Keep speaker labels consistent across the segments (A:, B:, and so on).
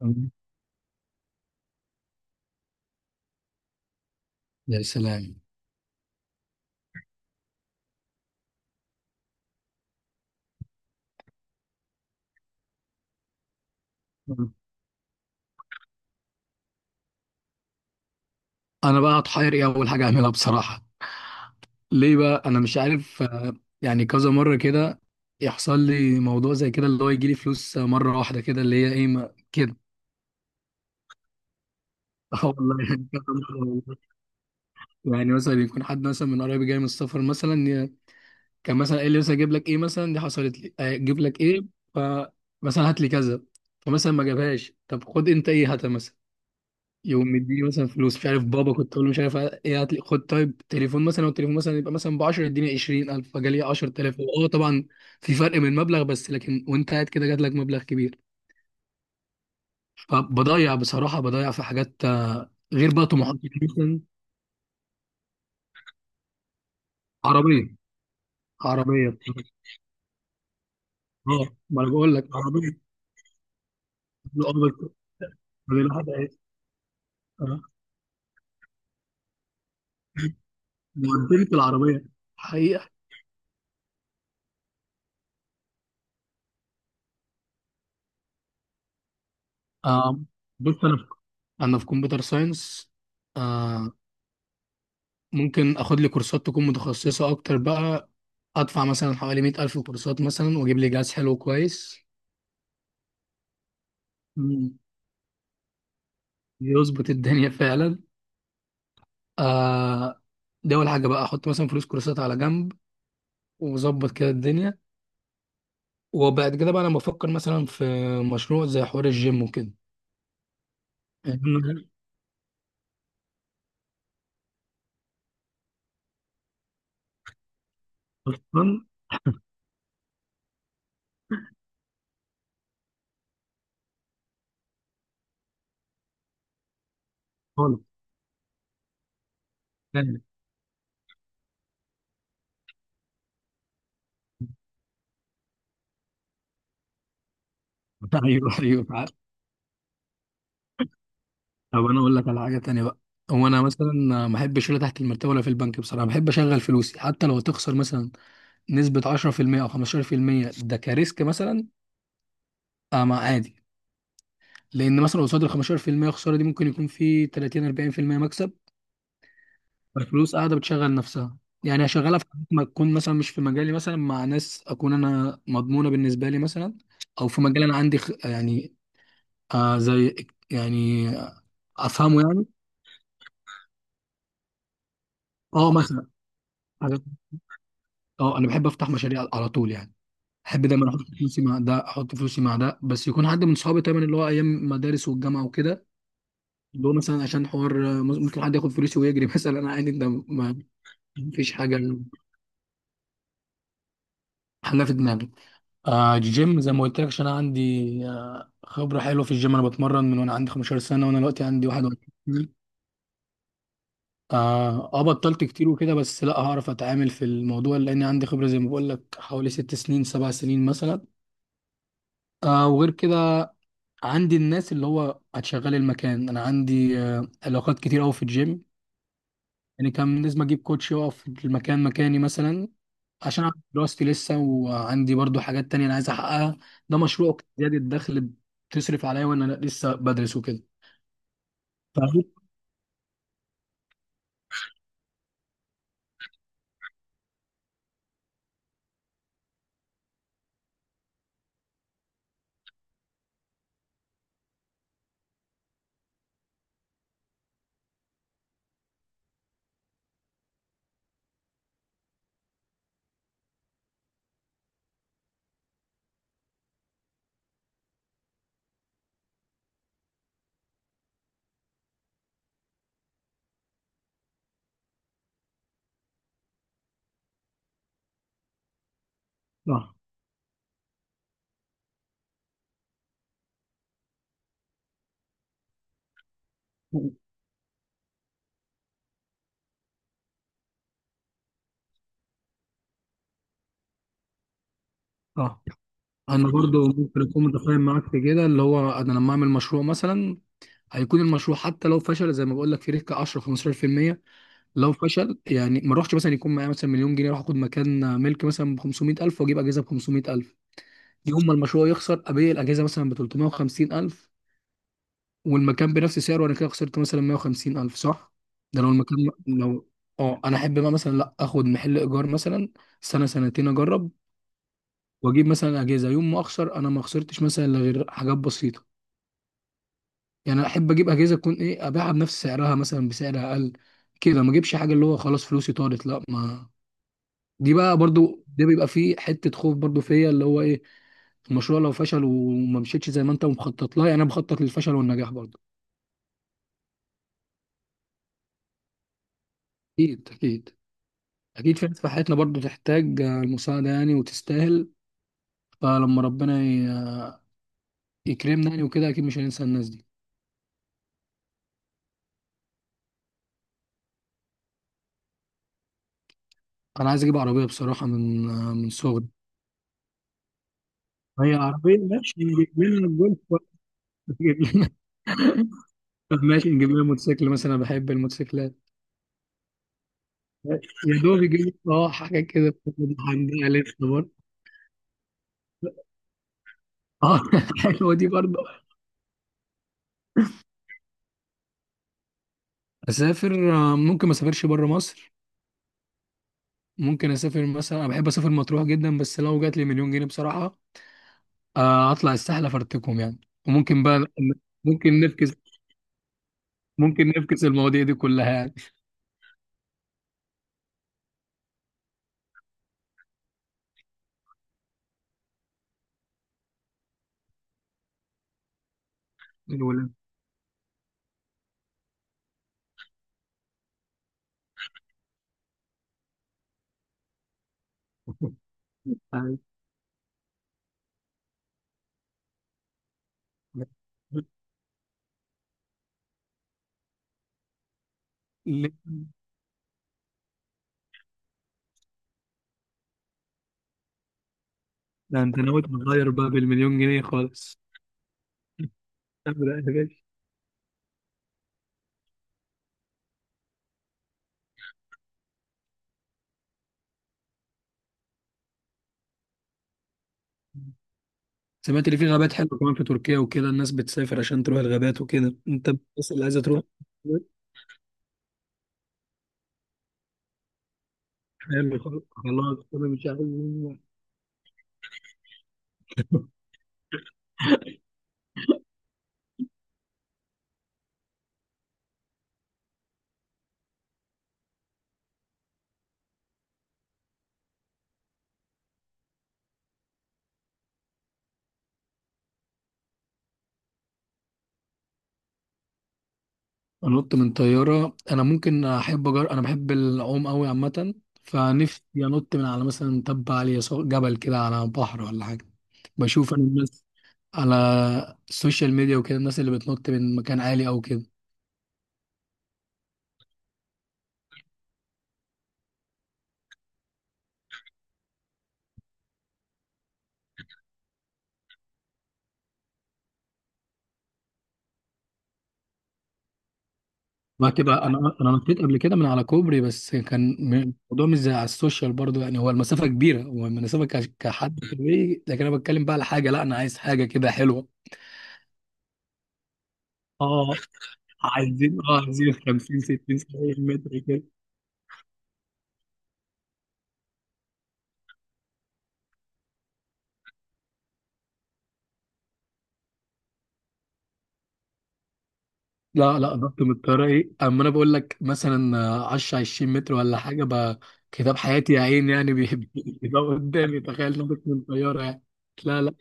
A: مم. يا سلام. مم. انا بقى هتحير ايه اول حاجه اعملها بصراحه، ليه بقى انا مش عارف. يعني كذا مره كده يحصل لي موضوع زي كده اللي هو يجي لي فلوس مره واحده كده اللي هي ايه ما كده. اه والله يعني كذا مره والله. يعني مثلا يكون حد مثلا من قرايبي جاي من السفر مثلا كان مثلا قال لي مثلا اجيب لك ايه مثلا دي حصلت لي اجيب لك ايه، فمثلا هات لي كذا فمثلا ما جابهاش. طب خد انت ايه، هات مثلا يقوم مديني مثلا فلوس، مش عارف بابا كنت اقول له مش عارف ايه هات لي، خد طيب تليفون مثلا، والتليفون مثلا يبقى مثلا ب 10 اديني 20,000 فجالي 10,000 اه طبعا في فرق من المبلغ بس، لكن وانت قاعد كده جات لك مبلغ كبير فبضيع بصراحه، بضيع في حاجات غير بقى طموحاتي مثلا. عربيه. عربيه بصراحة. اه ما انا بقول لك عربيه، اه بس. ما الواحد عايز- اه ده قدمت العربيه حقيقه. آه بص انا في، كمبيوتر ساينس. آه، ممكن اخد لي كورسات تكون متخصصة اكتر بقى، ادفع مثلا حوالي 100,000 كورسات مثلا، واجيب لي جهاز حلو كويس. مم. يظبط الدنيا فعلا. آه، دي اول حاجه بقى، احط مثلا فلوس كورسات على جنب، واظبط كده الدنيا. وبعد كده بقى انا بفكر مثلا في مشروع زي حوار الجيم وكده. أنا اصلا خالص. تاني. ايوه ايوه فعلا. طب انا اقول لك على حاجه تانية بقى، هو انا مثلا ما احبش ولا تحت المرتبه ولا في البنك بصراحه، بحب اشغل فلوسي حتى لو تخسر مثلا نسبة 10% أو 15%، ده كريسك مثلا. آه ما عادي، لأن مثلا قصاد ال 15% خسارة دي ممكن يكون في 30 40% مكسب، فالفلوس قاعدة بتشغل نفسها. يعني هشغلها في حاجات ما تكون مثلا مش في مجالي، مثلا مع ناس أكون أنا مضمونة بالنسبة لي مثلا، أو في مجال أنا عندي يعني، زي يعني أفهمه يعني. أه مثلا حاجات- أه أنا بحب أفتح مشاريع على طول يعني. احب دايما احط فلوسي مع ده، احط فلوسي مع ده، بس يكون حد من صحابي دايما، اللي هو ايام مدارس والجامعه وكده، اللي هو مثلا عشان حوار. ممكن حد ياخد فلوسي ويجري مثلا انا عادي، ده ما فيش حاجه. حلا في دماغي، جيم زي ما قلت لك، عشان انا عندي خبره حلوه في الجيم، انا بتمرن من وانا عندي 15 سنه، وانا دلوقتي عندي 21 سنه. بطلت كتير وكده بس، لا هعرف اتعامل في الموضوع لان عندي خبره زي ما بقول لك حوالي 6 سنين 7 سنين مثلا. آه، وغير كده عندي الناس اللي هو هتشغل المكان، انا عندي علاقات كتير قوي في الجيم. يعني كان لازم اجيب كوتش يقف في المكان مكاني مثلا عشان أعمل دراستي لسه، وعندي برضو حاجات تانية انا عايز احققها. ده مشروع زيادة الدخل بتصرف عليا وانا لسه بدرس وكده. فاهم؟ اه، اه، انا برضو ممكن اكون متفاهم معاك في كده، اللي هو انا لما اعمل مشروع مثلا، هيكون المشروع حتى لو فشل زي ما بقول لك في ريسك 10 15%، لو فشل يعني ما اروحش. مثلا يكون معايا مثلا مليون جنيه اروح اخد مكان ملك مثلا ب 500,000 واجيب اجهزه ب 500,000، يوم ما المشروع يخسر ابيع الاجهزه مثلا ب 350 الف، والمكان بنفس سعره، انا كده خسرت مثلا 150 الف صح. ده لو المكان، لو اه انا احب بقى مثلا لا، اخد محل ايجار مثلا سنه سنتين اجرب، واجيب مثلا اجهزه يوم ما اخسر انا ما خسرتش مثلا إلا غير حاجات بسيطه. يعني أنا احب اجيب اجهزه تكون ايه، ابيعها بنفس سعرها مثلا بسعر اقل، كده ما اجيبش حاجه اللي هو خلاص فلوسي طارت. لا ما دي بقى برضو، ده بيبقى فيه حته خوف برضو فيا، اللي هو ايه، المشروع لو فشل وما مشيتش زي ما انت مخطط لها، يعني انا بخطط للفشل والنجاح برضه. اكيد اكيد اكيد في ناس في حياتنا برضه تحتاج المساعده يعني وتستاهل، فلما ربنا ي- يكرمنا يعني وكده، اكيد مش هننسى الناس دي. انا عايز اجيب عربيه بصراحه، من صغري. هي عربيه ماشي، نجيب لنا الجولف، ولا نجيب لنا طب ماشي، نجيب لنا موتوسيكل مثلا، أنا بحب الموتوسيكلات. يا دوب يجيب لنا اه حاجه كده، هنجيبها لسه برضه اه. حلوه دي برضه. اسافر، ممكن ما اسافرش بره مصر. ممكن اسافر مثلا، انا بحب اسافر مطروح جدا، بس لو جات لي مليون جنيه بصراحه، اطلع الساحل افرتكم يعني، وممكن بقى ممكن نفكس، المواضيع دي كلها يعني. الولاد. ليه؟ ده انت ناوي تغير بقى بالمليون جنيه خالص. ابدا يا باشا. سمعت ان في غابات حلوه كمان في تركيا وكده، الناس بتسافر عشان تروح الغابات وكده، انت بس اللي عايزه تروح. حلو خلاص خلاص انا مش عايز. انط من طياره، انا ممكن احب انا بحب العوم قوي عامه، فنفسي انط من على مثلا تبة عاليه، سواء جبل كده على بحر ولا حاجه. بشوف انا الناس على السوشيال ميديا وكده، الناس اللي بتنط من مكان عالي او كده. وهتبقى انا نطيت قبل كده من على كوبري، بس كان الموضوع مش زي على السوشيال برضو يعني، هو المسافه كبيره، هو المسافه كحد طبيعي، لكن انا بتكلم بقى على حاجه، لا انا عايز حاجه كده حلوه. اه عايزين 50 60 70 متر كده. لا لا، ضغط من الطيارة ايه، اما انا بقول لك مثلا 10 20 متر ولا حاجة بقى، كتاب حياتي يا عين يعني بيبقى قدامي، تخيل ضغط من الطيارة يعني. لا لا،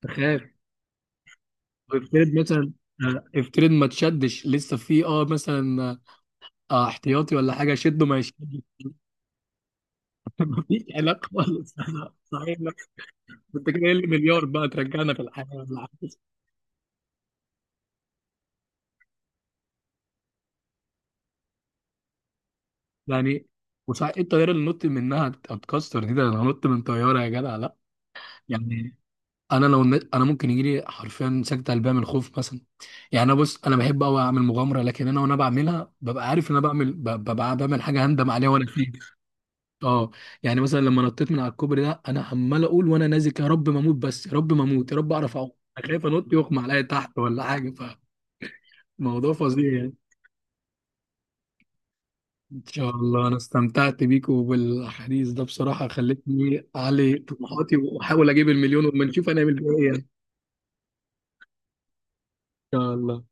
A: تخيل، افترض مثلا، افترض ما تشدش، لسه في مثلا اه احتياطي ولا حاجة، شده ما يشدش. مفيش علاقة خالص. لا، صحيح لا. انت كده قايل لي مليار بقى ترجعنا في الحياة ولا حاجة يعني. وصحيح ايه الطيارة اللي نط منها هتتكسر دي، ده انا نط من طيارة يا جدع لا يعني. انا لو النت انا ممكن يجي لي حرفيا سكتة قلبيه من الخوف مثلا يعني. انا بص انا بحب قوي اعمل مغامره، لكن انا وانا بعملها ببقى عارف ان انا بعمل ببقى بعمل حاجه هندم عليها وانا فيه. اه. يعني مثلا لما نطيت من على الكوبري ده، انا عمال اقول وانا نازل يا رب ما اموت بس، يا رب ما اموت، يا رب اعرف اعوم. انا خايف انط يغمى عليا تحت ولا حاجه، فالموضوع فظيع يعني. ان شاء الله، انا استمتعت بيك وبالحديث ده بصراحه، خلتني اعلي طموحاتي واحاول اجيب المليون، وما نشوف هنعمل فيها ايه يعني. ان شاء الله.